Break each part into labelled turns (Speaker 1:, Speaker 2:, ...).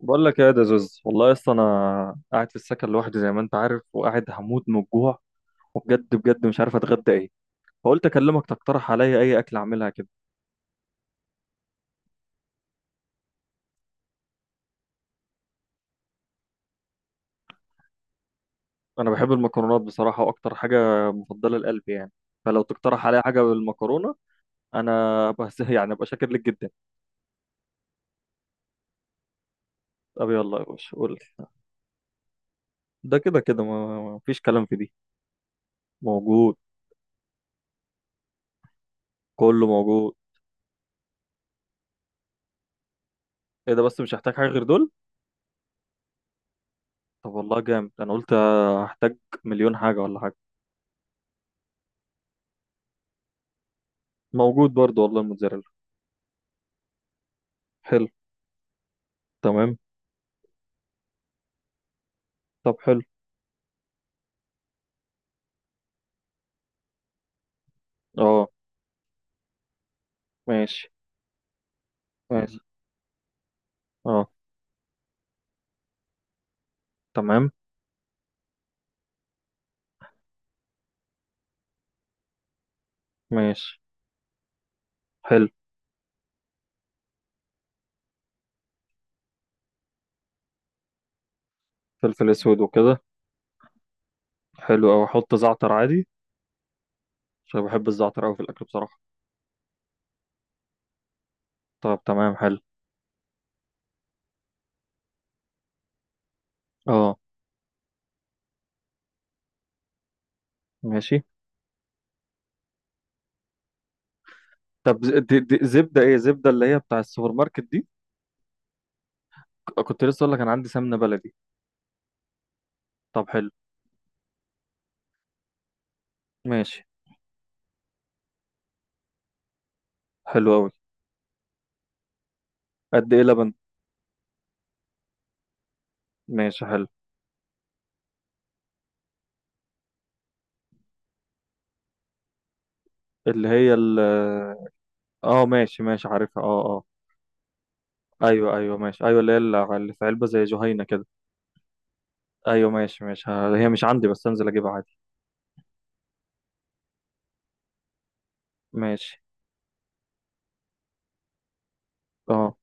Speaker 1: بقول لك ايه يا دزوز؟ والله يا اسطى، انا قاعد في السكن لوحدي زي ما انت عارف، وقاعد هموت من الجوع. وبجد بجد مش عارف اتغدى ايه، فقلت اكلمك تقترح عليا اي اكل اعملها كده. انا بحب المكرونات بصراحه، واكتر حاجه مفضله لقلبي يعني. فلو تقترح عليا حاجه بالمكرونه، انا بس يعني ابقى شاكر لك جدا. طب يلا يا باشا، قول لي. ده كده كده ما فيش كلام في دي. موجود. كله موجود. ايه ده؟ بس مش هحتاج حاجه غير دول. طب والله جامد، انا قلت هحتاج مليون حاجه ولا حاجه. موجود برضو والله الموتزاريلا. حلو. تمام. طب حلو. اه. ماشي. ماشي. اه. تمام. ماشي. حلو. فلفل اسود وكده. حلو اوي، احط زعتر عادي؟ عشان بحب الزعتر اوي في الاكل بصراحة. طب تمام، حلو. اه. ماشي. طب دي زبدة ايه؟ زبدة اللي هي بتاع السوبر ماركت دي؟ كنت لسه اقول لك، انا عندي سمنة بلدي. طب حلو. ماشي. حلو اوي. قد ايه لبن؟ ماشي حلو. اللي هي ال- اه، ماشي ماشي، عارفها، اه اه. ايوه ايوه ماشي، ايوه اللي هي اللي في علبة زي جهينة كده. ايوه ماشي ماشي، هي مش عندي، بس انزل اجيبها عادي. ماشي. اه.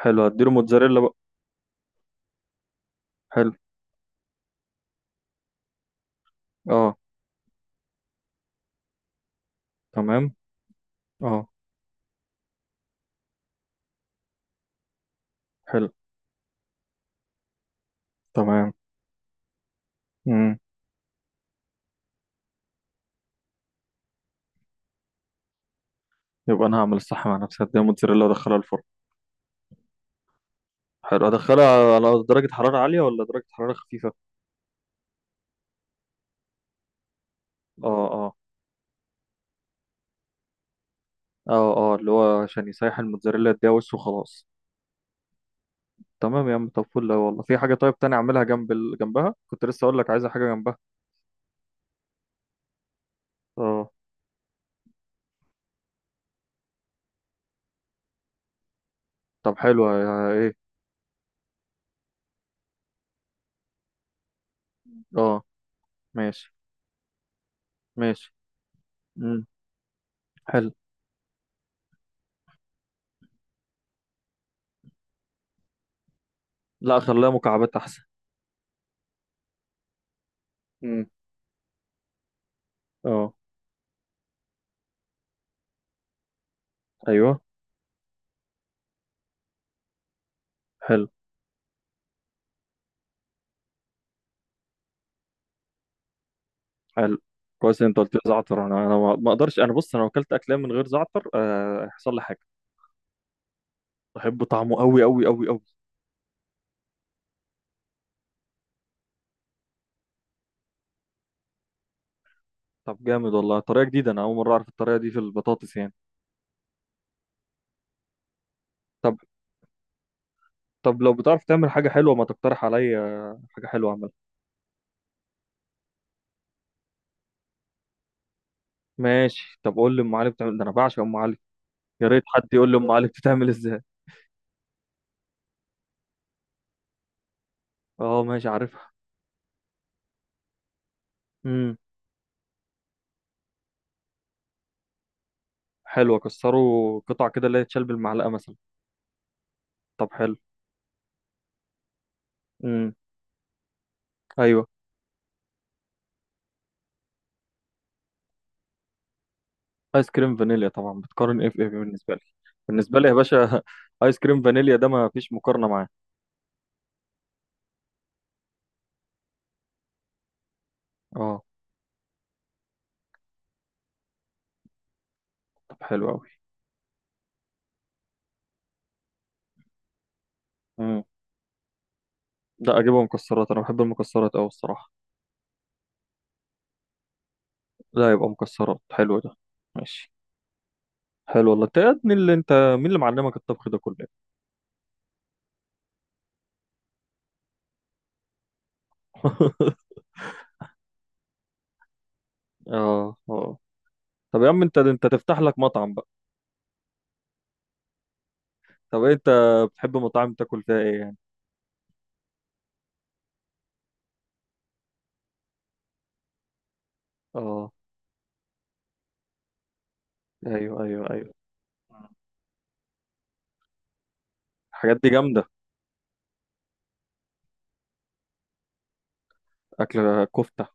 Speaker 1: حلو، هديله موتزاريلا بقى. حلو. اه. تمام. اه. حلو. تمام. امم. يبقى انا هعمل الصح مع نفسي، هديها موتزاريلا وادخلها الفرن. حلو، ادخلها على درجة حرارة عالية ولا درجة حرارة خفيفة؟ اه اه. اه اه، اللي هو عشان يسيح الموتزاريلا، يديها وش وخلاص. تمام يا عم. طب فل أوي والله. في حاجة طيب تاني اعملها جنب ال... جنبها؟ كنت لسه اقول لك عايزة حاجة جنبها. اه. طب حلو، ايه؟ اه. ماشي ماشي. امم. حلو. لا، خليها مكعبات احسن. امم. اه. ايوه. حلو. حلو، كويس إن انت قلت لي زعتر. انا ما اقدرش. انا بص، انا لو اكلت اكلام من غير زعتر هيحصل لي حاجه. بحب طعمه قوي قوي قوي قوي. طب جامد والله، طريقه جديده، انا اول مره اعرف الطريقه دي في البطاطس يعني. طب، طب لو بتعرف تعمل حاجه حلوه، ما تقترح عليا حاجه حلوه اعملها. ماشي، طب قول لي ام علي بتعمل ده، انا بعشق ام علي. يا ريت حد يقول لي ام علي بتتعمل ازاي. اه ماشي، عارفها. امم. حلو، اكسره قطع كده اللي هي تشال بالمعلقه مثلا. طب حلو. امم. ايوه. ايس كريم فانيليا؟ طبعا، بتقارن ايه في ايه بالنسبه لي؟ بالنسبه لي يا باشا ايس كريم فانيليا ده ما فيش مقارنه معاه. اه. طب حلو قوي. امم. لا، اجيبها مكسرات، انا بحب المكسرات قوي الصراحه. لا، يبقى مكسرات، حلو ده. ماشي. حلو والله، انت يا ابني اللي انت، مين اللي معلمك الطبخ ده كله؟ اه اه. طب يا عم، انت تفتح لك مطعم بقى. طب إيه، انت بتحب مطاعم تاكل فيها ايه يعني؟ اه. ايوه ايوه ايوه. الحاجات دي جامده. اكل كفته.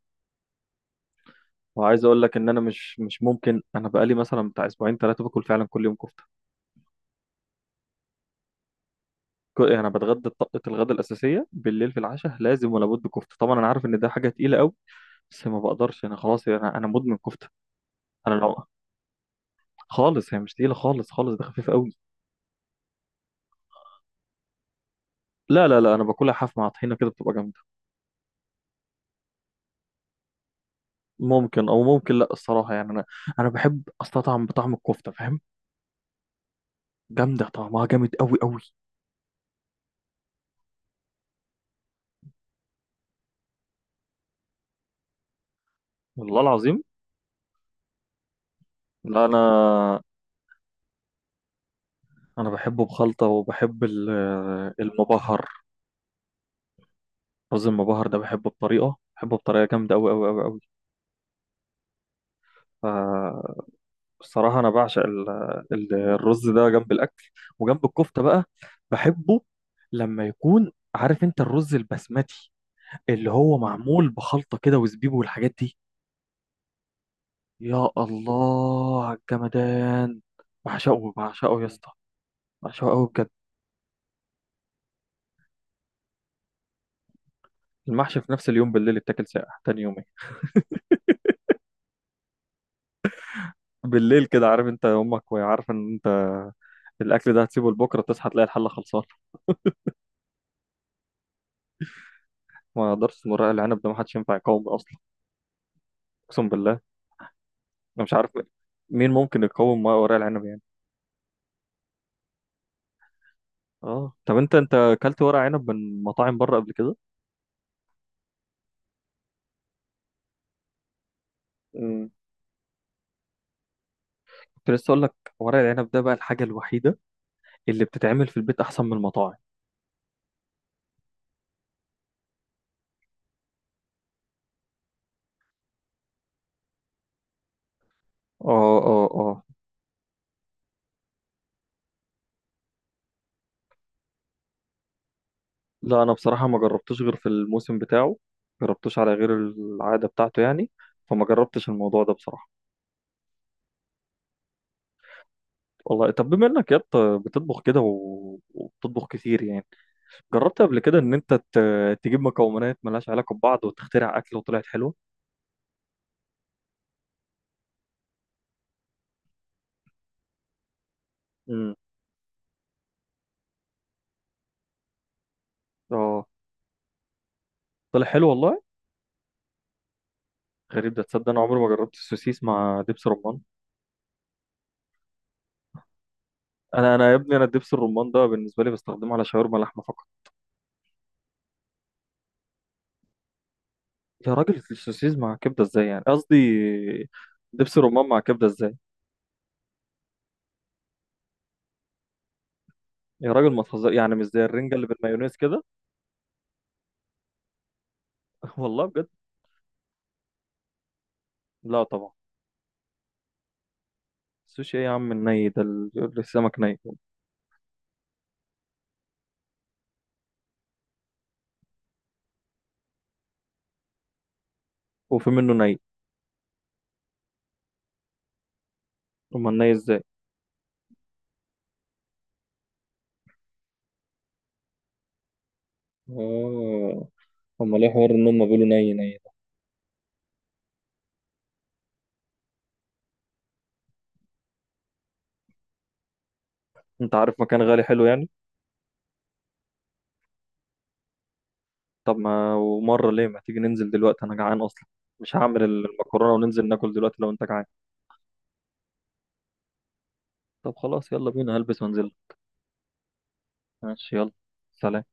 Speaker 1: وعايز اقول لك ان انا مش ممكن، انا بقالي مثلا بتاع اسبوعين ثلاثه باكل فعلا كل يوم كفته. يعني انا بتغدى طقه الغداء الاساسيه، بالليل في العشاء لازم ولا بد كفته. طبعا انا عارف ان ده حاجه تقيله قوي، بس ما بقدرش، انا خلاص، انا مدمن كفته. انا لو خالص، هي مش تقيله خالص خالص، ده خفيف قوي. لا لا لا، انا باكلها حاف مع طحينه كده، بتبقى جامده. ممكن، او ممكن لا الصراحه يعني. انا بحب استطعم بطعم الكفته، فاهم؟ جامده، طعمها جامد قوي قوي. والله العظيم. لا، انا بحبه بخلطه، وبحب ال- المبهر. كاظم مبهر ده بحبه بطريقة، بحبه بطريقة جامدة أوي أوي أوي أوي. فالصراحة أنا بعشق ال- ال- الرز ده جنب الأكل وجنب الكفتة بقى. بحبه لما يكون، عارف أنت الرز البسمتي اللي هو معمول بخلطة كده وزبيب والحاجات دي؟ يا الله على الجمدان. بعشقه، بعشقه يا اسطى. بعشقه أوي بجد. المحشي في نفس اليوم بالليل اتاكل ساقع تاني يومين. بالليل كده، عارف انت امك، وعارف ان انت الاكل ده هتسيبه لبكره، تصحى تلاقي الحله خلصانه. ما درس ورق العنب ده، ما حدش ينفع يقاوم اصلا. اقسم بالله، انا مش عارف مين ممكن يقاوم مع ورق العنب يعني. اه. طب انت اكلت ورق عنب من مطاعم بره قبل كده؟ مم. كنت لسه اقول لك، ورق العنب ده بقى الحاجه الوحيده اللي بتتعمل في البيت احسن من المطاعم. اه اه اه. لا انا بصراحه ما جربتوش غير في الموسم بتاعه، جربتوش على غير العاده بتاعته يعني، فما جربتش الموضوع ده بصراحه. والله طب، بما انك يا اسطى بتطبخ كده وبتطبخ كتير يعني، جربت قبل كده ان انت تجيب مكونات ملهاش علاقة ببعض وتخترع اكل وطلعت حلوة؟ امم. اه. طلع حلو والله. غريب ده، تصدق انا عمري ما جربت السوسيس مع دبس رمان. انا يا ابني، انا دبس الرمان ده بالنسبة لي بستخدمه على شاورما لحمة فقط. يا راجل، السوسيس مع كبدة ازاي يعني؟ قصدي دبس الرمان مع كبدة ازاي؟ يا راجل ما تهزر، يعني مش زي الرنجة اللي بالمايونيز كده؟ والله بجد. لا طبعا. السوشي ايه يا عم؟ الني ده، ال- السمك ني. وفي منه ني؟ امال ني ازاي؟ اه. امال ايه حوار ان هم بيقولوا ني ني؟ انت عارف مكان غالي حلو يعني؟ طب ما ومره ليه، ما تيجي ننزل دلوقتي؟ انا جعان اصلا، مش هعمل المكرونه، وننزل ناكل دلوقتي لو انت جعان. طب خلاص، يلا بينا، هلبس وانزل. ماشي، يلا. سلام.